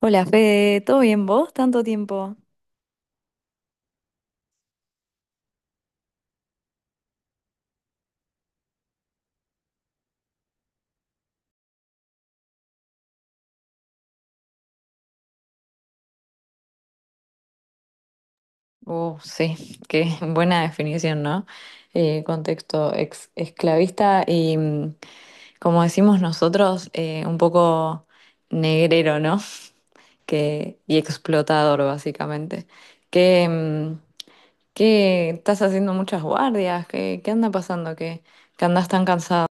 Hola Fede, ¿todo bien vos? ¿Tanto tiempo? Sí, qué buena definición, ¿no? Contexto ex esclavista y, como decimos nosotros, un poco negrero, ¿no? Y explotador, básicamente. Que, mm, que estás haciendo muchas guardias, ¿qué anda pasando? ¿Que andás tan cansado?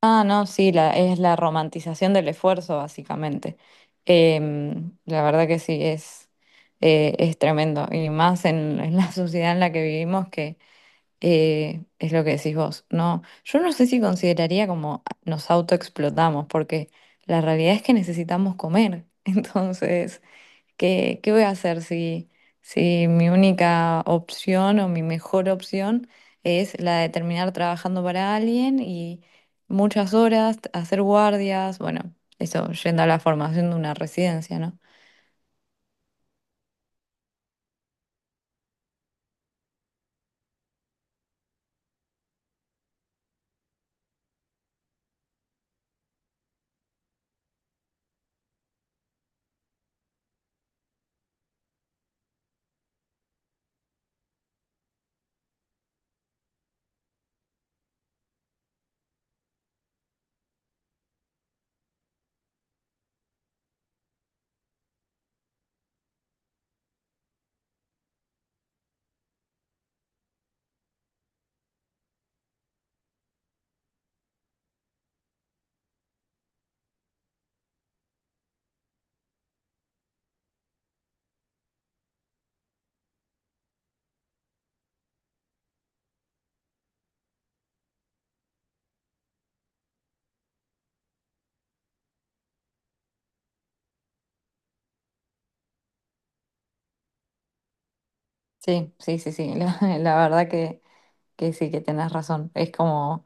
Ah, no, sí, es la romantización del esfuerzo, básicamente. La verdad que sí, es tremendo. Y más en la sociedad en la que vivimos, que es lo que decís vos. No, yo no sé si consideraría como nos autoexplotamos, porque la realidad es que necesitamos comer. Entonces, ¿qué voy a hacer si mi única opción o mi mejor opción es la de terminar trabajando para alguien y muchas horas, hacer guardias, bueno, eso, yendo a la formación de una residencia, ¿no? Sí, sí, sí, sí, la verdad que sí, que tenés razón. Es como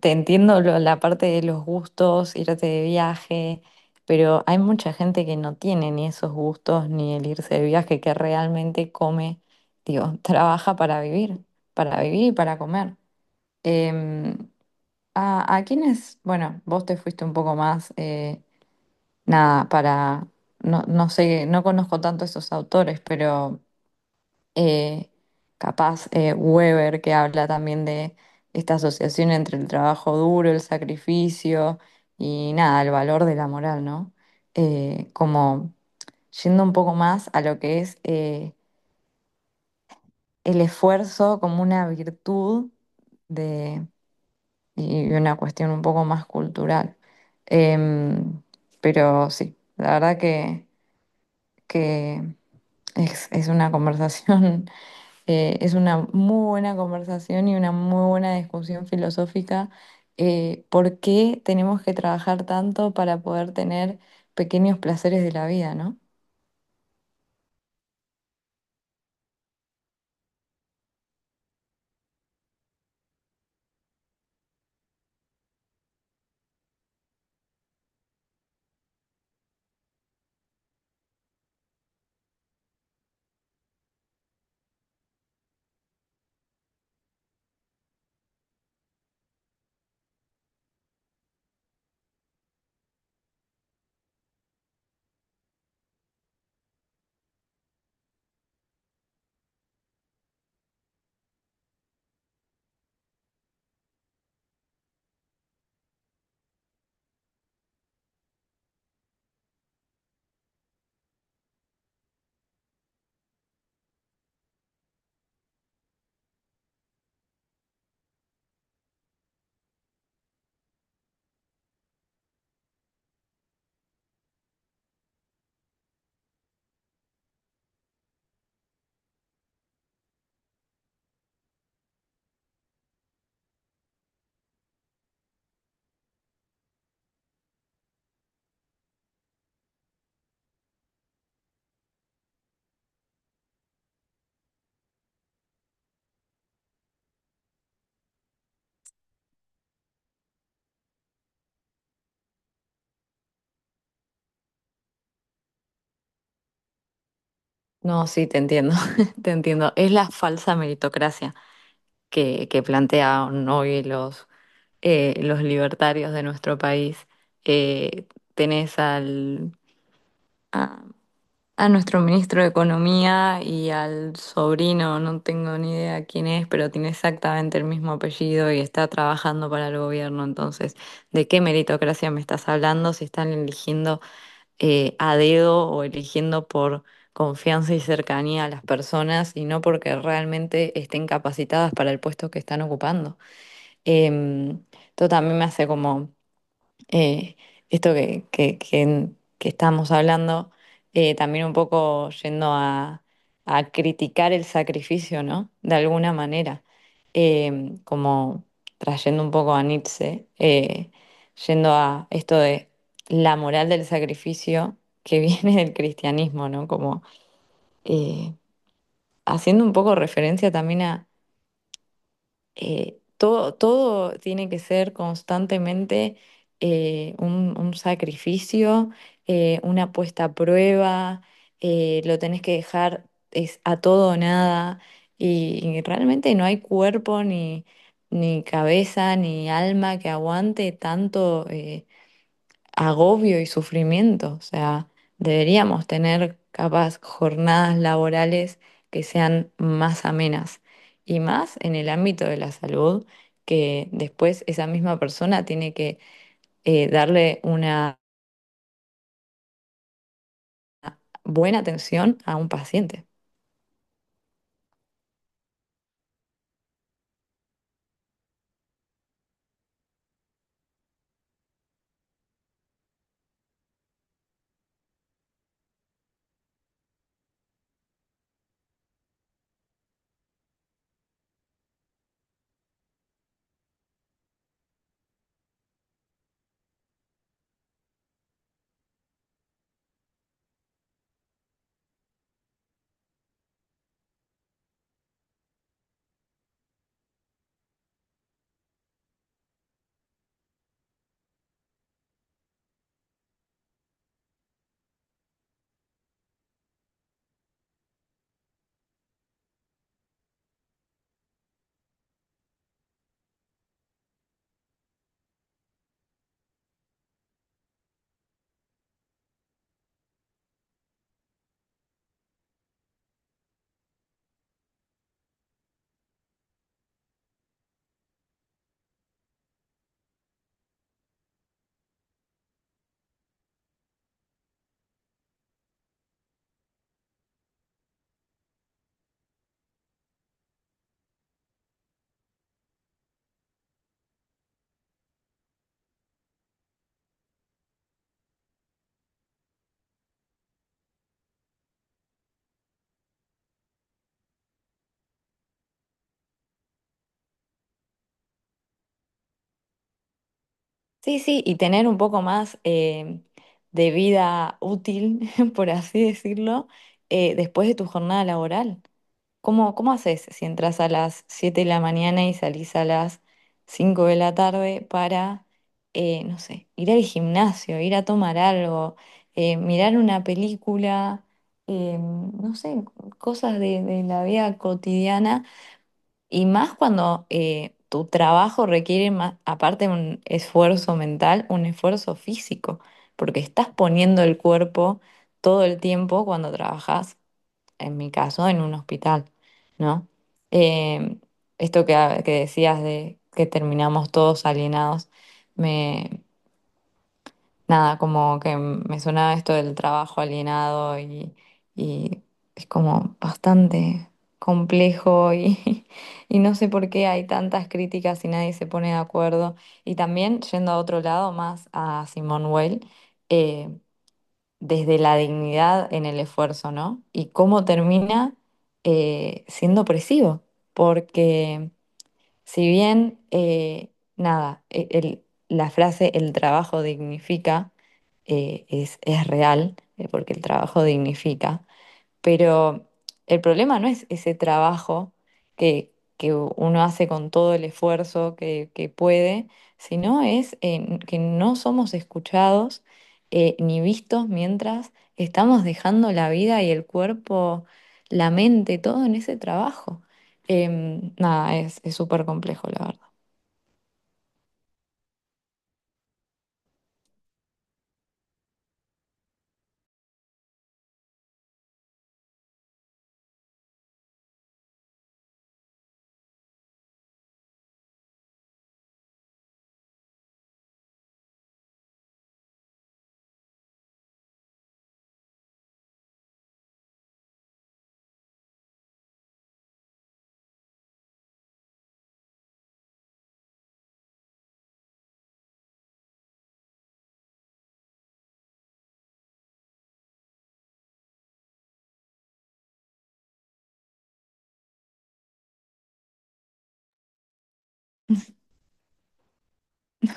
te entiendo la parte de los gustos, irte de viaje, pero hay mucha gente que no tiene ni esos gustos ni el irse de viaje, que realmente come, digo, trabaja para vivir y para comer. Em, a, a quienes, bueno, vos te fuiste un poco más, nada, no, no sé, no conozco tanto esos autores, pero eh, capaz Weber, que habla también de esta asociación entre el trabajo duro, el sacrificio y nada, el valor de la moral, ¿no? Como yendo un poco más a lo que es el esfuerzo como una virtud de, y una cuestión un poco más cultural. Em, pero sí, la verdad que es una conversación. Es una muy buena conversación y una muy buena discusión filosófica. ¿Por qué tenemos que trabajar tanto para poder tener pequeños placeres de la vida, ¿no? No, sí, te entiendo, te entiendo. Es la falsa meritocracia que plantean hoy los libertarios de nuestro país. Eh, Tenés a nuestro ministro de Economía y al sobrino, no tengo ni idea quién es, pero tiene exactamente el mismo apellido y está trabajando para el gobierno. Entonces, ¿de qué meritocracia me estás hablando si están eligiendo a dedo o eligiendo por confianza y cercanía a las personas y no porque realmente estén capacitadas para el puesto que están ocupando? Em, Esto también me hace como eh, esto que que estábamos hablando, también un poco yendo a criticar el sacrificio, ¿no? De alguna manera, como trayendo un poco a Nietzsche, yendo a esto de la moral del sacrificio que viene del cristianismo, ¿no? Como eh, haciendo un poco referencia también, todo, todo tiene que ser constantemente un sacrificio, una puesta a prueba, lo tenés que dejar, es a todo o nada, y, y realmente no hay cuerpo ni cabeza ni alma que aguante tanto agobio y sufrimiento. O sea, deberíamos tener capaz jornadas laborales que sean más amenas y más en el ámbito de la salud, que después esa misma persona tiene que darle una buena atención a un paciente. Sí, sí, y tener un poco más de vida útil, por así decirlo, después de tu jornada laboral. ¿Cómo, cómo haces si entras a las 7 de la mañana y salís a las 5 de la tarde para, no sé, ir al gimnasio, ir a tomar algo, mirar una película, no sé, cosas de la vida cotidiana? Y más cuando tu trabajo requiere más, aparte un esfuerzo mental, un esfuerzo físico, porque estás poniendo el cuerpo todo el tiempo cuando trabajas, en mi caso, en un hospital, ¿no? Eh, Esto que, ah, que decías de que terminamos todos alienados, me, nada, como que me sonaba esto del trabajo alienado y es como bastante complejo, y y no sé por qué hay tantas críticas y nadie se pone de acuerdo. Y también, yendo a otro lado, más a Simone Weil, eh, desde la dignidad en el esfuerzo, ¿no? Y cómo termina siendo opresivo, porque si bien, nada, la frase el trabajo dignifica es real, porque el trabajo dignifica, pero el problema no es ese trabajo que uno hace con todo el esfuerzo que puede, sino es que no somos escuchados ni vistos mientras estamos dejando la vida y el cuerpo, la mente, todo en ese trabajo. Nada, es súper complejo, la verdad.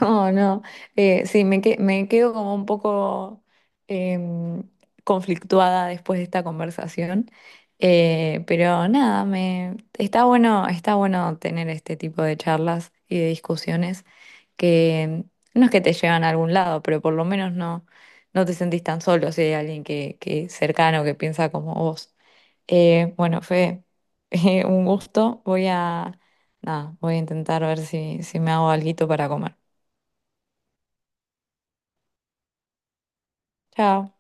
Oh, no. Sí, me quedo como un poco em, conflictuada después de esta conversación. Pero nada, me, está bueno tener este tipo de charlas y de discusiones que no es que te llevan a algún lado, pero por lo menos no, no te sentís tan solo si hay alguien que cercano que piensa como vos. Bueno, fue un gusto. Nada, voy a intentar ver si me hago alguito para comer. Chao.